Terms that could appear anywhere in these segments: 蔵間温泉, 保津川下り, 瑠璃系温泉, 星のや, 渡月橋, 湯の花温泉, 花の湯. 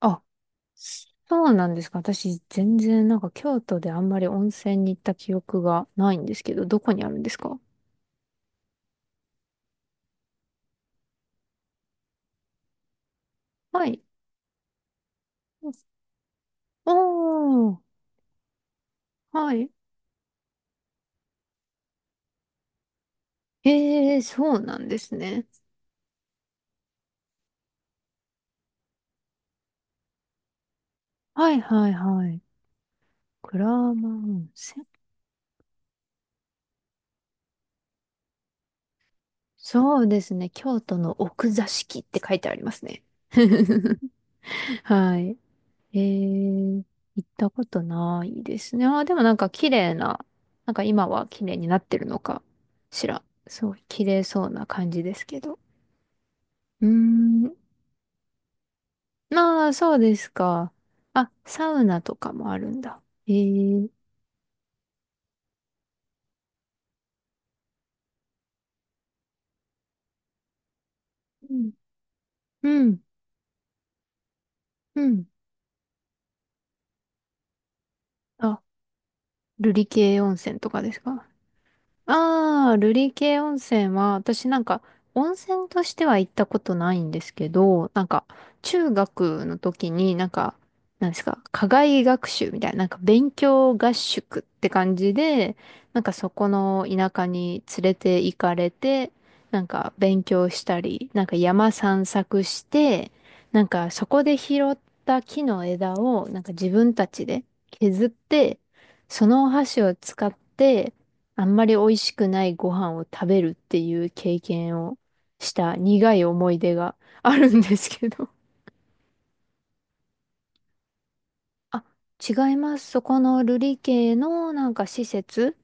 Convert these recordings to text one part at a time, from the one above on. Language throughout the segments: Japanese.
あ、そうなんですか。私、全然、なんか、京都であんまり温泉に行った記憶がないんですけど、どこにあるんですか？はい。おー、はい。ええー、そうなんですね。はいはいはい。蔵間温泉。そうですね。京都の奥座敷って書いてありますね。はい。えー、行ったことないですね。あー、でもなんか綺麗な、なんか今は綺麗になってるのかしら。すごい綺麗そうな感じですけど。うーん、まあ、そうですか。あ、サウナとかもあるんだ。えー、うん、うん、うん。あ、瑠璃系温泉とかですか？ああ、瑠璃系温泉は、私なんか、温泉としては行ったことないんですけど、なんか、中学の時になんか、なんですか、課外学習みたいな、なんか勉強合宿って感じで、なんかそこの田舎に連れて行かれて、なんか勉強したり、なんか山散策して、なんかそこで拾った木の枝を、なんか自分たちで削って、そのお箸を使って、あんまり美味しくないご飯を食べるっていう経験をした苦い思い出があるんですけど。あ、違います。そこのルリ系のなんか施設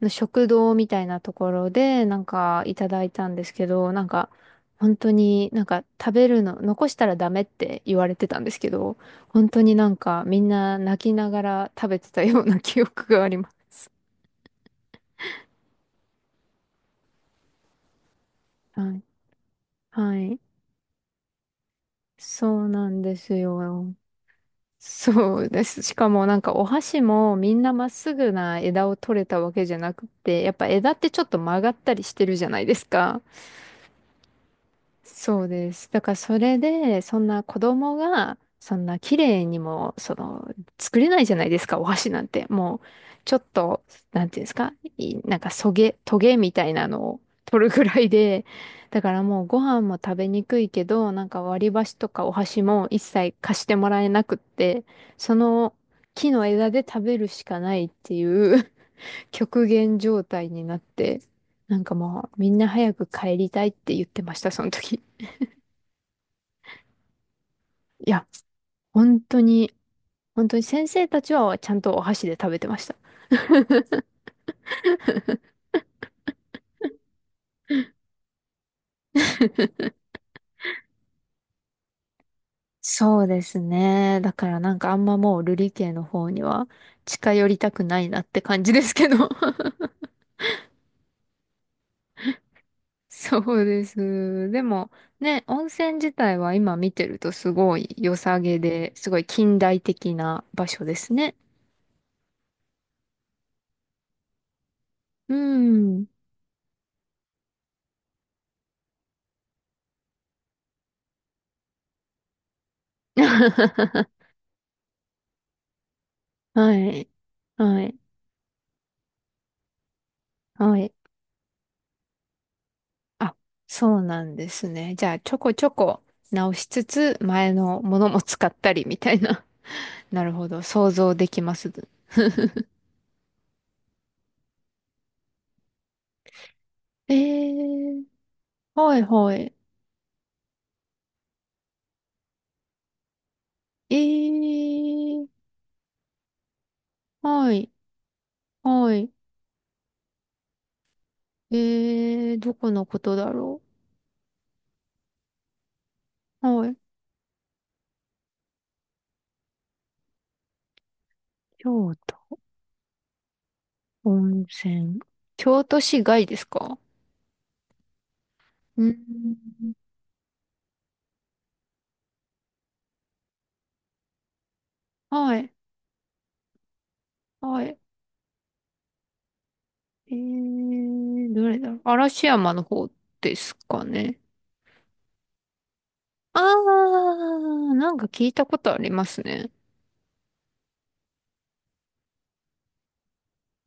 の食堂みたいなところでなんかいただいたんですけど、なんか本当になんか食べるの残したらダメって言われてたんですけど、本当になんかみんな泣きながら食べてたような記憶があります。はい。はい。そうなんですよ。そうです。しかもなんかお箸もみんなまっすぐな枝を取れたわけじゃなくて、やっぱ枝ってちょっと曲がったりしてるじゃないですか。そうです。だからそれで、そんな子供が、そんな綺麗にも、その、作れないじゃないですか、お箸なんて。もう、ちょっと、なんていうんですか、いなんか、トゲみたいなのを取るぐらいで、だからもうご飯も食べにくいけど、なんか割り箸とかお箸も一切貸してもらえなくって、その木の枝で食べるしかないっていう 極限状態になって、なんかもうみんな早く帰りたいって言ってました、その時。いや、本当に、本当に先生たちはちゃんとお箸で食べてました。そうですね。だからなんかあんまもう瑠璃家の方には近寄りたくないなって感じですけど。そうです。でもね、温泉自体は今見てるとすごい良さげで、すごい近代的な場所ですね。うん。はい。はい。はい。あ、そうなんですね。じゃあ、ちょこちょこ直しつつ、前のものも使ったりみたいな。なるほど。想像できます。えー、はいはい。えー、はい、はい。えどこのことだろう。はい。京都、温泉。京都市外ですか？うん。はい、はい。どれだろう。嵐山の方ですかね。ああ、なんか聞いたことありますね。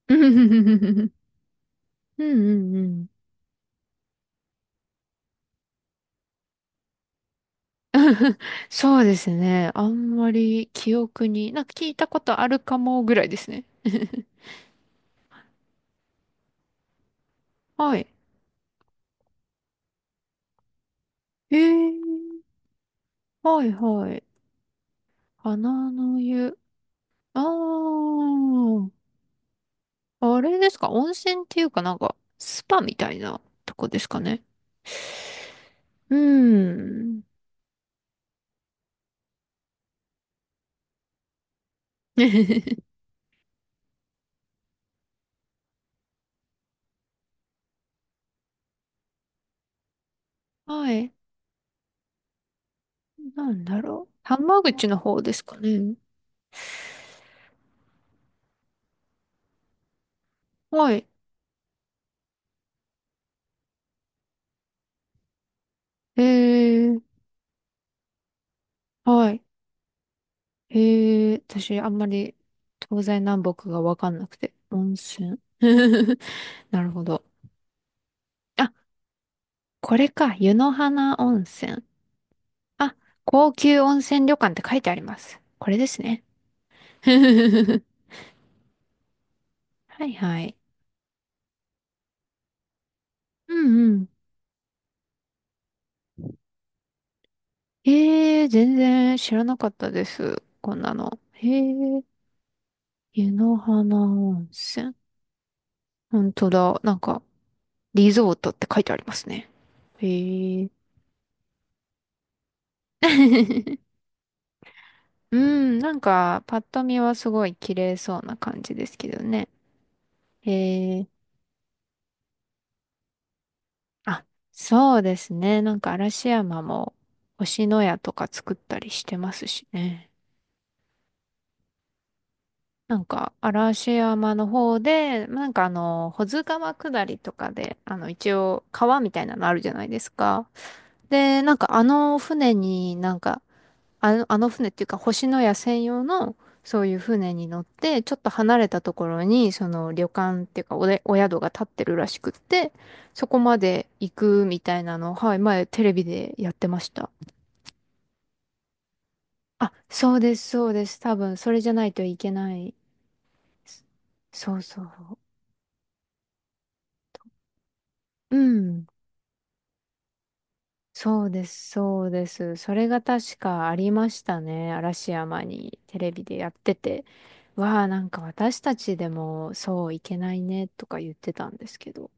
うんうんうん。そうですね。あんまり記憶に、なんか聞いたことあるかもぐらいですね。はい。えー、はいはい。花の湯。あーあれですか、温泉っていうかなんか、スパみたいなとこですかね。うーん。はい。なんだろう。浜口の方ですかね。はい。えー、はい。え私、あんまり東西南北がわかんなくて。温泉。なるほど。あ、これか。湯の花温泉。あ、高級温泉旅館って書いてあります。これですね。はいはい。うんうん。全然知らなかったです。こんなの。へー、湯の花温泉。本当だ。なんか、リゾートって書いてありますね。へー。うん、なんか、パッと見はすごい綺麗そうな感じですけどね。えー、あ、そうですね。なんか、嵐山も星のやとか作ったりしてますしね。なんか、嵐山の方で、なんかあの、保津川下りとかで、あの、一応川みたいなのあるじゃないですか。で、なんかあの船になんかあの、あの船っていうか、星のや専用の、そういう船に乗って、ちょっと離れたところに、その旅館っていうかお宿が建ってるらしくって、そこまで行くみたいなのを、はい、前テレビでやってました。あ、そうです、そうです。多分、それじゃないといけない。そうそう。うん。そうです、そうです。それが確かありましたね。嵐山にテレビでやってて。わあ、なんか私たちでもそういけないねとか言ってたんですけど、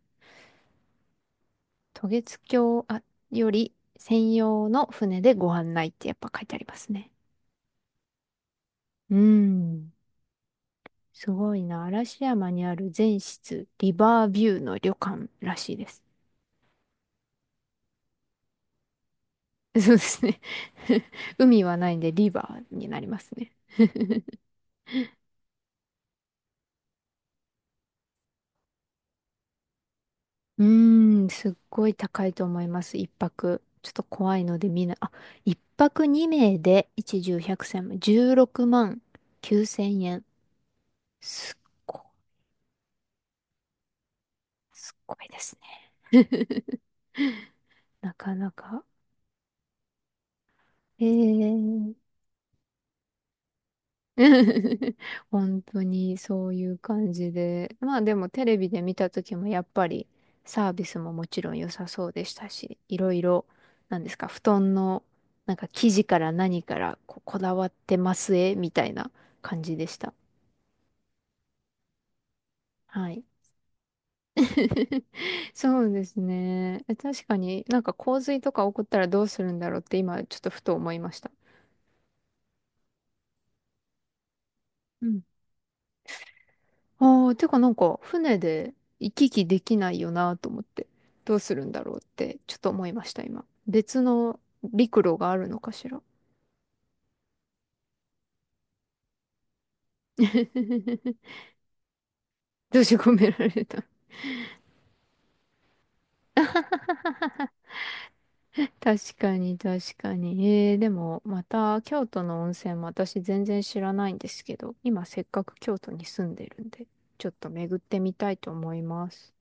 渡月橋あより専用の船でご案内ってやっぱ書いてありますね。うん、すごいな。嵐山にある全室リバービューの旅館らしいです。そうですね。海はないんでリバーになりますね。うーん、すっごい高いと思います。一泊。ちょっと怖いので見ない。あ、一泊二名で一重百千万、16万9千円。すっごい、すっごいですね。なかなか。ええ 本当にそういう感じで。まあでもテレビで見た時もやっぱりサービスももちろん良さそうでしたし、いろいろ、なんですか、布団のなんか生地から何からこだわってますえみたいな感じでした。はい。そうですね。確かになんか洪水とか起こったらどうするんだろうって今ちょっとふと思いました。ああ、てかなんか船で行き来できないよなと思って、どうするんだろうってちょっと思いました、今。別の陸路があるのかしら。閉じ込められた。確かに確かに。えー、でもまた京都の温泉も私全然知らないんですけど、今せっかく京都に住んでるんで、ちょっと巡ってみたいと思います。